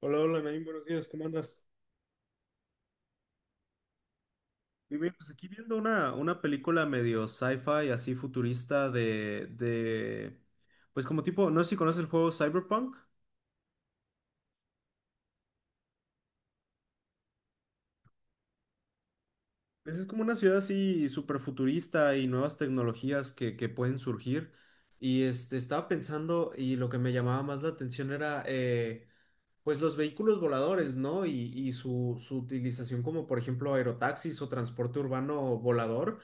Hola, hola, Naim, buenos días, ¿cómo andas? Muy bien, pues aquí viendo una película medio sci-fi, así futurista pues como tipo, no sé si conoces el juego Cyberpunk. Pues es como una ciudad así súper futurista y nuevas tecnologías que pueden surgir. Y este, estaba pensando, y lo que me llamaba más la atención era pues los vehículos voladores, ¿no? Y su, su utilización como por ejemplo aerotaxis o transporte urbano volador,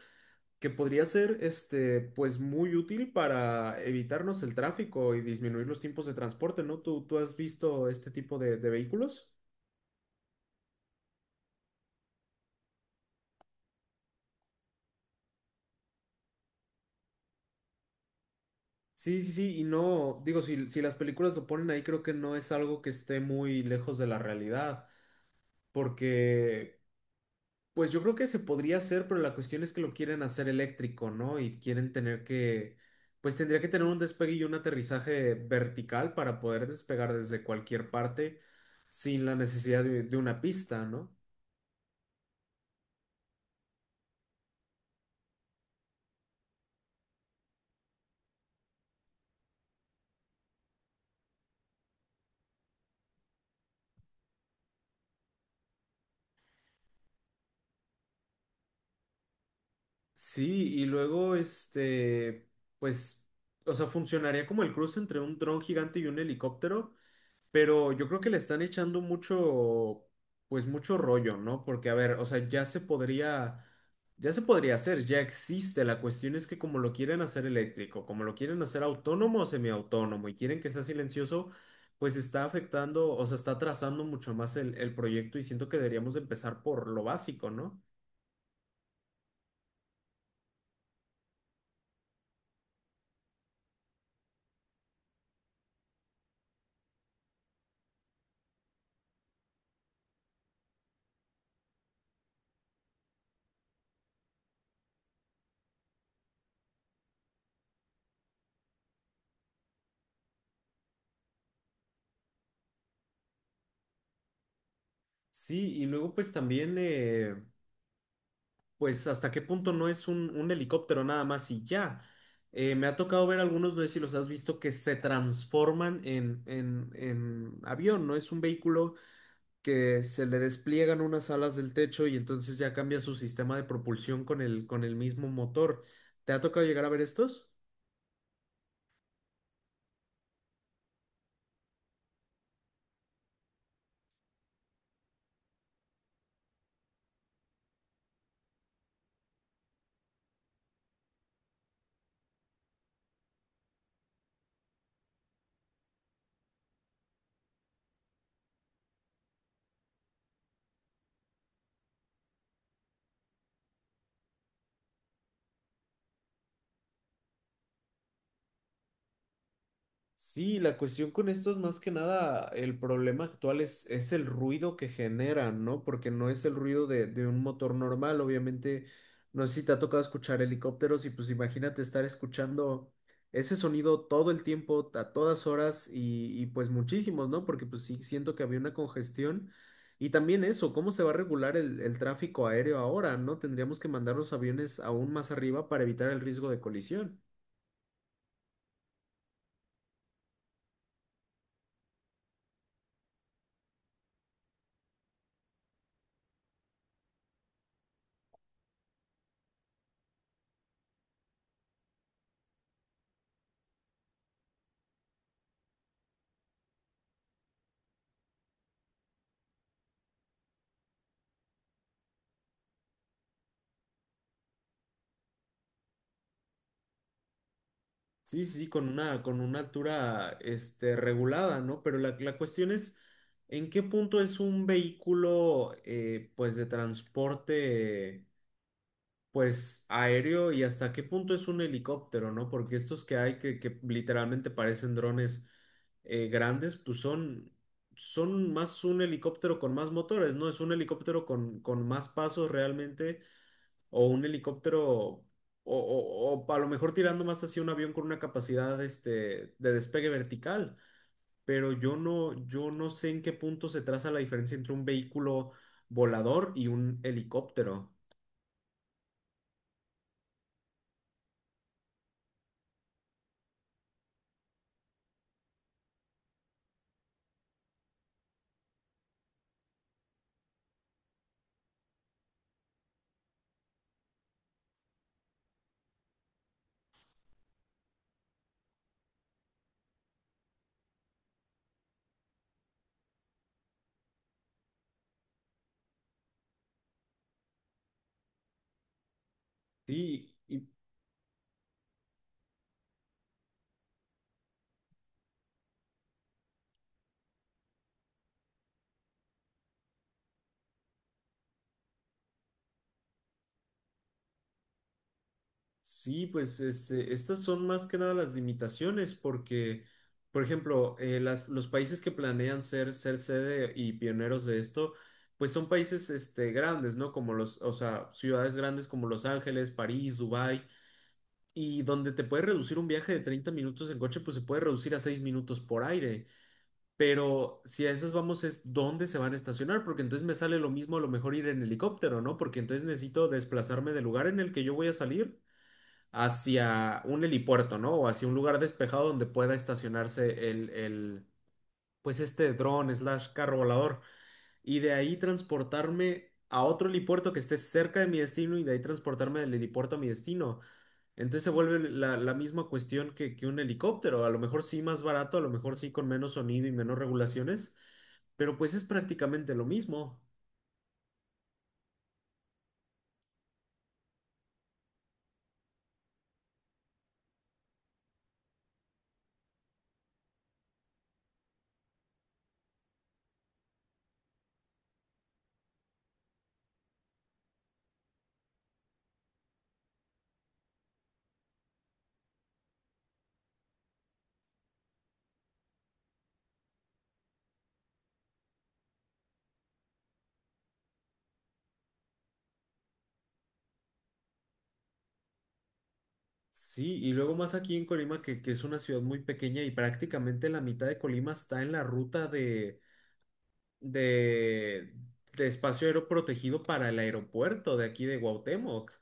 que podría ser este, pues muy útil para evitarnos el tráfico y disminuir los tiempos de transporte, ¿no? ¿Tú, tú has visto este tipo de vehículos? Sí, sí, sí, y no, digo, si, si las películas lo ponen ahí, creo que no es algo que esté muy lejos de la realidad, porque, pues yo creo que se podría hacer, pero la cuestión es que lo quieren hacer eléctrico, ¿no? Y quieren tener que, pues tendría que tener un despegue y un aterrizaje vertical para poder despegar desde cualquier parte sin la necesidad de una pista, ¿no? Sí, y luego, este, pues, o sea, funcionaría como el cruce entre un dron gigante y un helicóptero. Pero yo creo que le están echando mucho, pues mucho rollo, ¿no? Porque, a ver, o sea, ya se podría hacer, ya existe. La cuestión es que como lo quieren hacer eléctrico, como lo quieren hacer autónomo o semiautónomo y quieren que sea silencioso, pues está afectando, o sea, está atrasando mucho más el proyecto y siento que deberíamos de empezar por lo básico, ¿no? Sí, y luego pues también, pues hasta qué punto no es un helicóptero nada más y ya. Me ha tocado ver algunos, no sé si los has visto, que se transforman en avión, ¿no? Es un vehículo que se le despliegan unas alas del techo y entonces ya cambia su sistema de propulsión con el mismo motor. ¿Te ha tocado llegar a ver estos? Sí, la cuestión con esto es más que nada, el problema actual es el ruido que generan, ¿no? Porque no es el ruido de un motor normal, obviamente, no sé si te ha tocado escuchar helicópteros y pues imagínate estar escuchando ese sonido todo el tiempo, a todas horas y pues muchísimos, ¿no? Porque pues sí, siento que había una congestión. Y también eso, ¿cómo se va a regular el tráfico aéreo ahora, ¿no? Tendríamos que mandar los aviones aún más arriba para evitar el riesgo de colisión. Sí, sí, sí, con una altura, este, regulada, ¿no? Pero la cuestión es, ¿en qué punto es un vehículo, pues, de transporte, pues, aéreo y hasta qué punto es un helicóptero, ¿no? Porque estos que hay que literalmente parecen drones, grandes, pues son, son más un helicóptero con más motores, ¿no? Es un helicóptero con más pasos realmente o un helicóptero, o, o a lo mejor tirando más hacia un avión con una capacidad este, de despegue vertical. Pero yo no, yo no sé en qué punto se traza la diferencia entre un vehículo volador y un helicóptero. Sí, y, sí, pues este, estas son más que nada las limitaciones, porque, por ejemplo, los países que planean ser, ser sede y pioneros de esto, pues son países este, grandes, ¿no? Como los, o sea, ciudades grandes como Los Ángeles, París, Dubái. Y donde te puede reducir un viaje de 30 minutos en coche, pues se puede reducir a 6 minutos por aire. Pero si a esas vamos es dónde se van a estacionar, porque entonces me sale lo mismo a lo mejor ir en helicóptero, ¿no? Porque entonces necesito desplazarme del lugar en el que yo voy a salir hacia un helipuerto, ¿no? O hacia un lugar despejado donde pueda estacionarse el, pues este dron slash carro volador y de ahí transportarme a otro helipuerto que esté cerca de mi destino y de ahí transportarme del helipuerto a mi destino. Entonces se vuelve la, la misma cuestión que un helicóptero, a lo mejor sí más barato, a lo mejor sí con menos sonido y menos regulaciones, pero pues es prácticamente lo mismo. Sí, y luego más aquí en Colima, que es una ciudad muy pequeña y prácticamente la mitad de Colima está en la ruta de, de espacio aéreo protegido para el aeropuerto de aquí de Cuauhtémoc.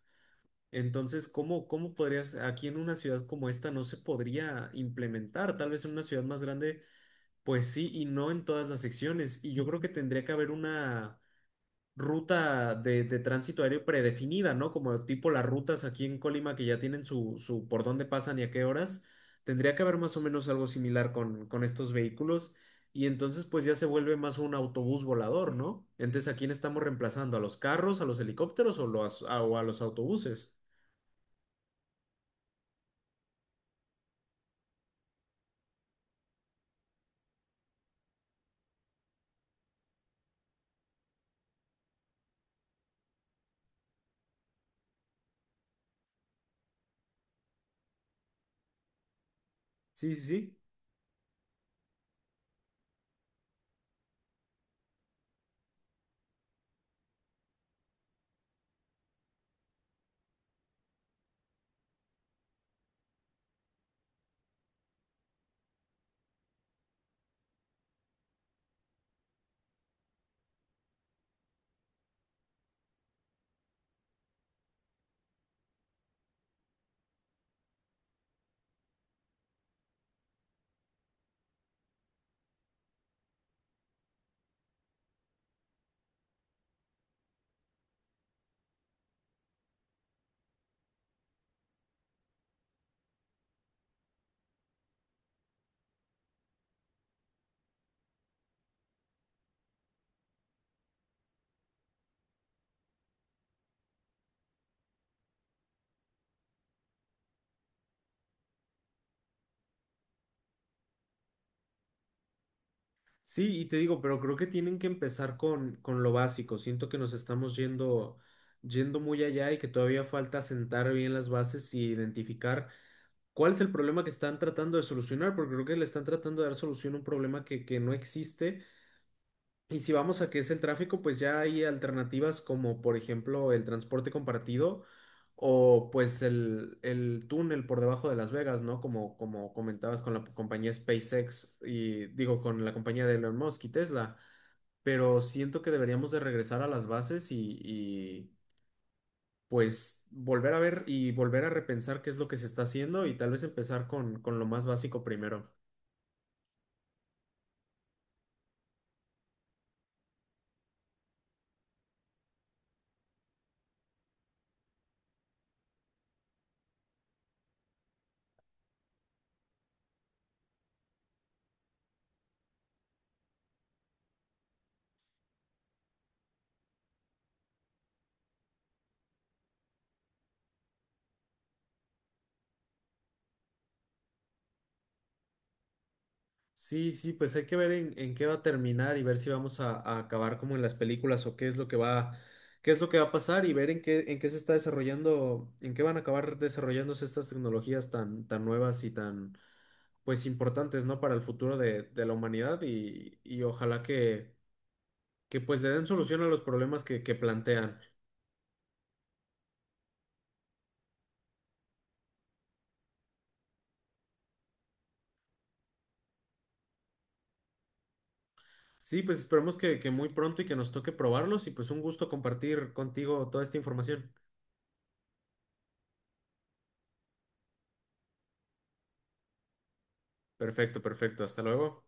Entonces, ¿cómo, cómo podrías, aquí en una ciudad como esta no se podría implementar? Tal vez en una ciudad más grande. Pues sí, y no en todas las secciones. Y yo creo que tendría que haber una ruta de tránsito aéreo predefinida, ¿no? Como tipo las rutas aquí en Colima que ya tienen su, su por dónde pasan y a qué horas. Tendría que haber más o menos algo similar con estos vehículos. Y entonces pues ya se vuelve más un autobús volador, ¿no? Entonces, ¿a quién estamos reemplazando? ¿A los carros, a los helicópteros o, los, o a los autobuses? Sí, sí, sí. Sí, y te digo, pero creo que tienen que empezar con lo básico. Siento que nos estamos yendo, yendo muy allá y que todavía falta sentar bien las bases y identificar cuál es el problema que están tratando de solucionar, porque creo que le están tratando de dar solución a un problema que no existe. Y si vamos a que es el tráfico, pues ya hay alternativas como, por ejemplo, el transporte compartido o pues el túnel por debajo de Las Vegas, ¿no? Como, como comentabas con la compañía SpaceX y digo, con la compañía de Elon Musk y Tesla, pero siento que deberíamos de regresar a las bases y, pues volver a ver y volver a repensar qué es lo que se está haciendo y tal vez empezar con lo más básico primero. Sí, sí, pues hay que ver en qué va a terminar y ver si vamos a acabar como en las películas o qué es lo que va, qué es lo que va a pasar y ver en qué se está desarrollando, en qué van a acabar desarrollándose estas tecnologías tan, tan nuevas y tan, pues importantes, ¿no? Para el futuro de la humanidad y ojalá que pues le den solución a los problemas que plantean. Sí, pues esperemos que muy pronto y que nos toque probarlos y pues un gusto compartir contigo toda esta información. Perfecto, perfecto. Hasta luego.